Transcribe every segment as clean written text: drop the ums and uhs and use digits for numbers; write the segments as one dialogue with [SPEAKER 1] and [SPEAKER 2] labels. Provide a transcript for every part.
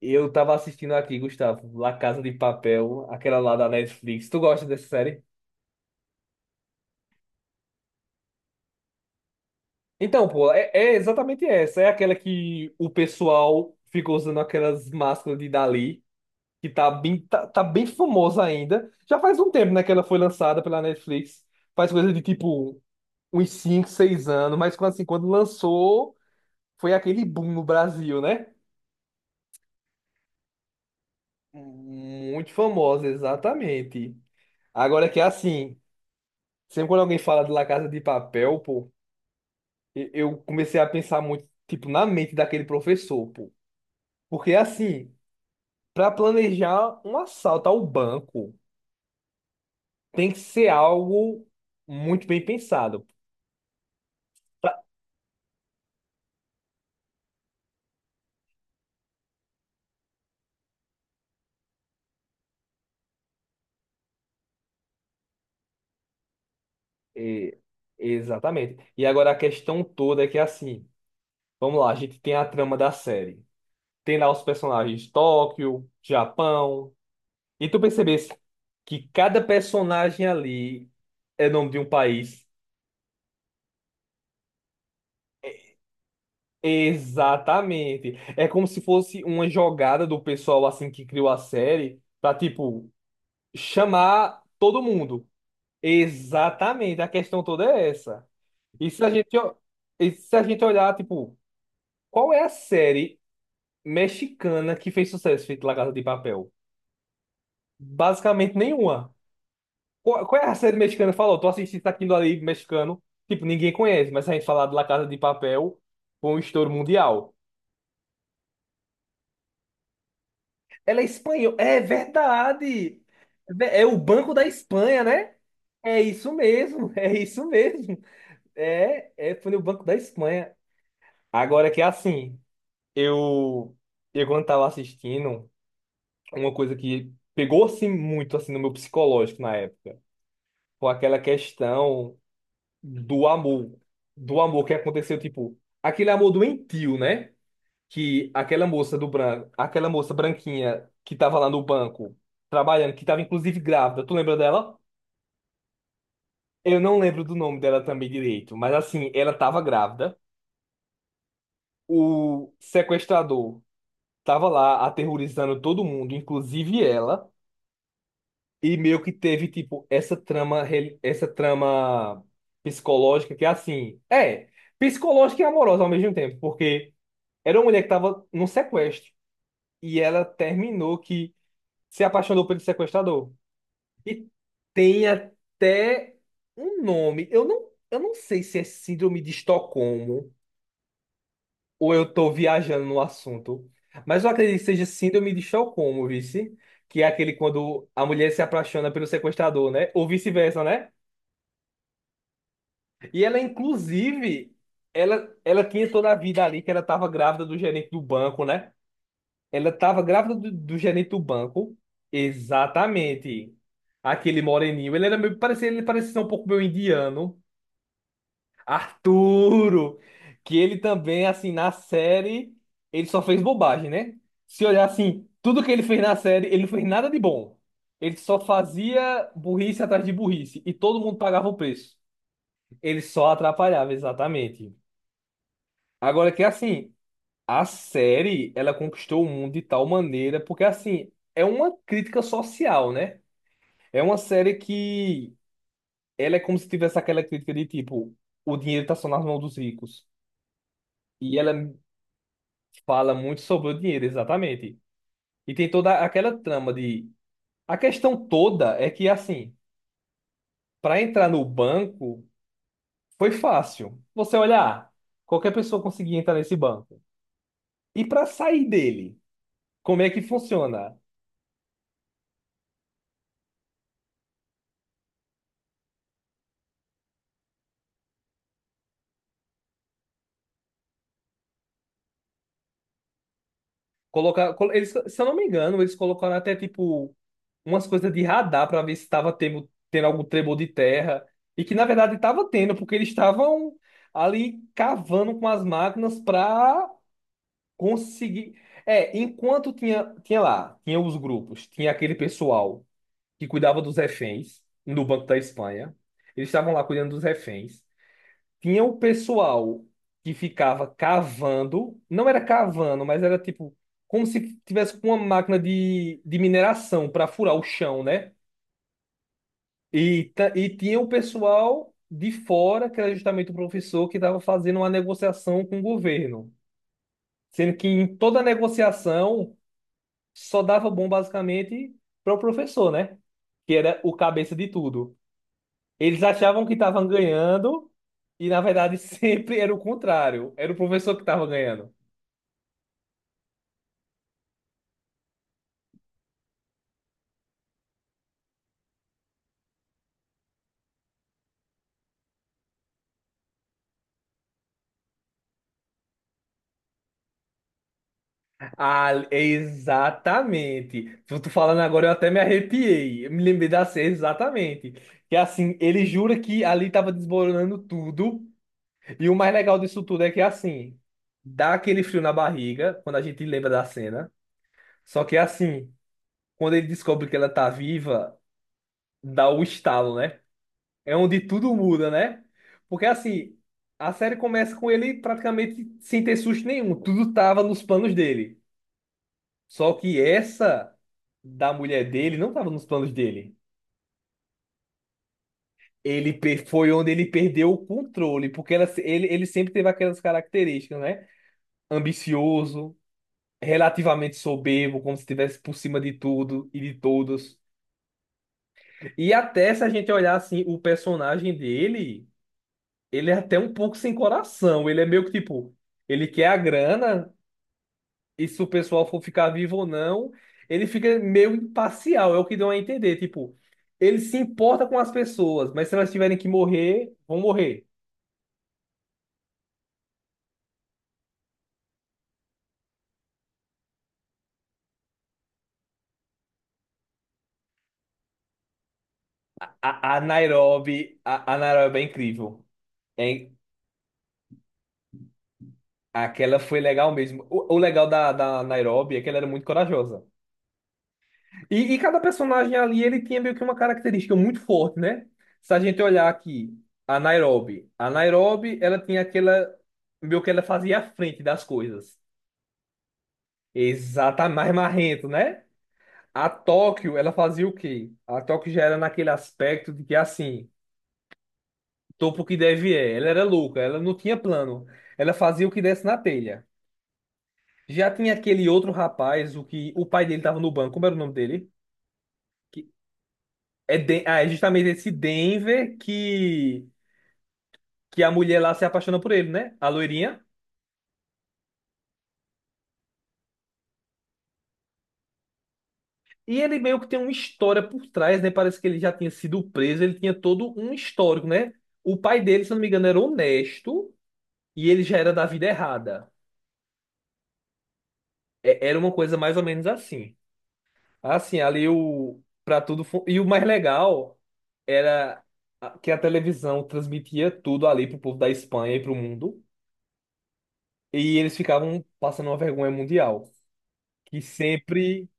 [SPEAKER 1] Eu tava assistindo aqui, Gustavo, La Casa de Papel, aquela lá da Netflix. Tu gosta dessa série? Então, pô, é exatamente essa. É aquela que o pessoal ficou usando aquelas máscaras de Dali, que tá bem famosa ainda. Já faz um tempo, né, que ela foi lançada pela Netflix. Faz coisa de tipo uns 5, 6 anos, mas quando lançou, foi aquele boom no Brasil, né? Muito famosa, exatamente. Agora que é assim, sempre quando alguém fala de La Casa de Papel, pô. Eu comecei a pensar muito, tipo, na mente daquele professor, pô. Porque, assim, para planejar um assalto ao banco, tem que ser algo muito bem pensado. Pra- É, exatamente. E agora a questão toda é que, assim, vamos lá, a gente tem a trama da série. Tem lá os personagens Tóquio, Japão. E tu percebesse que cada personagem ali é nome de um país. Exatamente. É como se fosse uma jogada do pessoal assim que criou a série pra tipo chamar todo mundo. Exatamente. A questão toda é essa. E se a gente, o- e se a gente olhar, tipo, qual é a série mexicana que fez sucesso feito La Casa de Papel? Basicamente nenhuma. Qual é a série mexicana? Falou, tô assistindo aquilo ali mexicano. Tipo, ninguém conhece, mas se a gente falar de La Casa de Papel, foi um estouro mundial. Ela é espanhola. É verdade. É o Banco da Espanha, né? É isso mesmo, é isso mesmo. É foi no Banco da Espanha. Agora que é assim, eu, eu quando tava assistindo, uma coisa que pegou-se muito assim no meu psicológico na época, foi aquela questão do amor, do amor que aconteceu, tipo, aquele amor doentio, né? que aquela moça branquinha que tava lá no banco trabalhando, que tava inclusive grávida, tu lembra dela? Eu não lembro do nome dela também direito, mas assim, ela tava grávida. O sequestrador tava lá aterrorizando todo mundo, inclusive ela, e meio que teve tipo essa trama, essa trama psicológica que é assim, psicológica e amorosa ao mesmo tempo, porque era uma mulher que tava num sequestro e ela terminou que se apaixonou pelo sequestrador. E tem até um nome. Eu não sei se é Síndrome de Estocolmo ou eu tô viajando no assunto. Mas eu acredito que seja Síndrome de Estocolmo, vice. Que é aquele quando a mulher se apaixona pelo sequestrador, né? Ou vice-versa, né? E ela, inclusive, ela tinha toda a vida ali que ela tava grávida do gerente do banco, né? Ela tava grávida do gerente do banco. Exatamente. Aquele moreninho. Ele parecia ser um pouco meio indiano. Arturo, que ele também, assim, na série, ele só fez bobagem, né? Se olhar assim, tudo que ele fez na série, ele não fez nada de bom. Ele só fazia burrice atrás de burrice e todo mundo pagava o preço. Ele só atrapalhava, exatamente. Agora que assim, a série, ela conquistou o mundo de tal maneira, porque assim, é uma crítica social, né? É uma série que ela é como se tivesse aquela crítica de tipo, o dinheiro tá só nas mãos dos ricos. E ela é Fala muito sobre o dinheiro, exatamente. E tem toda aquela trama de. A questão toda é que, assim, para entrar no banco foi fácil. Você olhar, qualquer pessoa conseguia entrar nesse banco. E para sair dele, como é que funciona? Eles, se eu não me engano, eles colocaram até, tipo, umas coisas de radar para ver se estava tendo algum tremor de terra. E que, na verdade, estava tendo, porque eles estavam ali cavando com as máquinas para Consegui. É, enquanto tinha lá, tinha os grupos, tinha aquele pessoal que cuidava dos reféns no Banco da Espanha. Eles estavam lá cuidando dos reféns. Tinha o pessoal que ficava cavando, não era cavando, mas era tipo como se tivesse com uma máquina de mineração para furar o chão, né? E tinha o pessoal de fora, que era justamente o professor que estava fazendo uma negociação com o governo. Sendo que em toda negociação só dava bom basicamente para o professor, né? Que era o cabeça de tudo. Eles achavam que estavam ganhando e na verdade sempre era o contrário. Era o professor que estava ganhando. Ah, exatamente. Tu falando agora eu até me arrepiei. Eu me lembrei da cena exatamente. Que assim, ele jura que ali estava desmoronando tudo. E o mais legal disso tudo é que assim, dá aquele frio na barriga quando a gente lembra da cena. Só que assim, quando ele descobre que ela tá viva, dá o estalo, né? É onde tudo muda, né? Porque assim, a série começa com ele praticamente sem ter susto nenhum, tudo tava nos planos dele. Só que essa da mulher dele não tava nos planos dele. Foi onde ele perdeu o controle, porque ela, se- ele sempre teve aquelas características, né? Ambicioso, relativamente soberbo, como se estivesse por cima de tudo e de todos. E até se a gente olhar assim o personagem dele. Ele é até um pouco sem coração. Ele é meio que tipo, ele quer a grana, e se o pessoal for ficar vivo ou não, ele fica meio imparcial, é o que deu a entender. Tipo, ele se importa com as pessoas, mas se elas tiverem que morrer, vão morrer. A Nairobi é incrível. Hein? Aquela foi legal mesmo. O legal da Nairobi é que ela era muito corajosa. E cada personagem ali, ele tinha meio que uma característica muito forte, né? Se a gente olhar aqui, a Nairobi. A Nairobi, ela tinha aquela. Meio que ela fazia a frente das coisas. Exatamente, mais marrento, né? A Tóquio, ela fazia o quê? A Tóquio já era naquele aspecto de que, assim, topo que deve é. Ela era louca, ela não tinha plano. Ela fazia o que desse na telha. Já tinha aquele outro rapaz, o que o pai dele tava no banco. Como era o nome dele? Que- É, é justamente esse Denver que a mulher lá se apaixona por ele, né? A loirinha. E ele meio que tem uma história por trás, né? Parece que ele já tinha sido preso, ele tinha todo um histórico, né? O pai dele, se eu não me engano, era honesto e ele já era da vida errada. Era uma coisa mais ou menos assim. Assim, ali o. Pra tudo. E o mais legal era que a televisão transmitia tudo ali pro povo da Espanha e pro mundo. E eles ficavam passando uma vergonha mundial. Que sempre.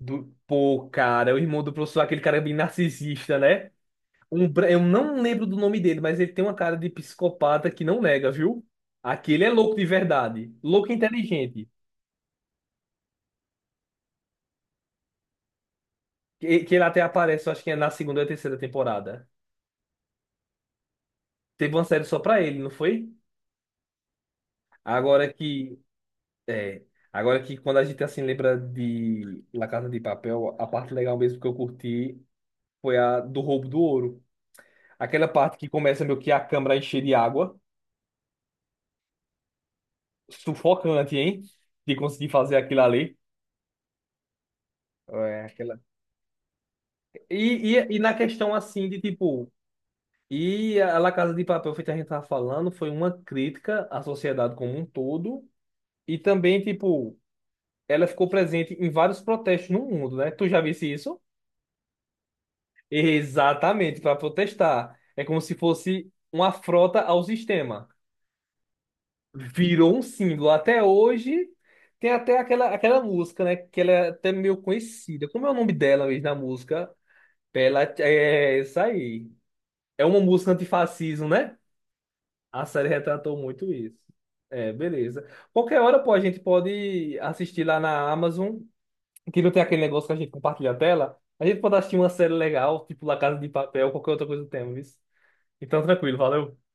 [SPEAKER 1] Do. Pô, cara, o irmão do professor, aquele cara bem narcisista, né? Eu não lembro do nome dele, mas ele tem uma cara de psicopata que não nega, viu? Aquele é louco de verdade. Louco e inteligente. Que ele até aparece, eu acho que é na segunda ou terceira temporada. Teve uma série só pra ele, não foi? Agora que. É. Agora que quando a gente assim lembra de La Casa de Papel, a parte legal mesmo que eu curti foi a do roubo do ouro. Aquela parte que começa meio que a câmera a encher de água. Sufocante, hein? De conseguir fazer aquilo ali. É, aquela. E na questão assim de tipo, e a La Casa de Papel, feito a gente tava falando, foi uma crítica à sociedade como um todo, e também, tipo, ela ficou presente em vários protestos no mundo, né? Tu já visse isso? Exatamente, para protestar. É como se fosse uma afronta ao sistema. Virou um símbolo. Até hoje tem até aquela música, né? Que ela é até meio conhecida. Como é o nome dela mesmo na música? Pela. É isso aí. É uma música antifascismo, né? A série retratou muito isso. É, beleza. Qualquer hora, pô, a gente pode assistir lá na Amazon, que não tem aquele negócio que a gente compartilha a tela. A gente pode assistir uma série legal, tipo La Casa de Papel, qualquer outra coisa do tema, viu? Então, tranquilo, valeu.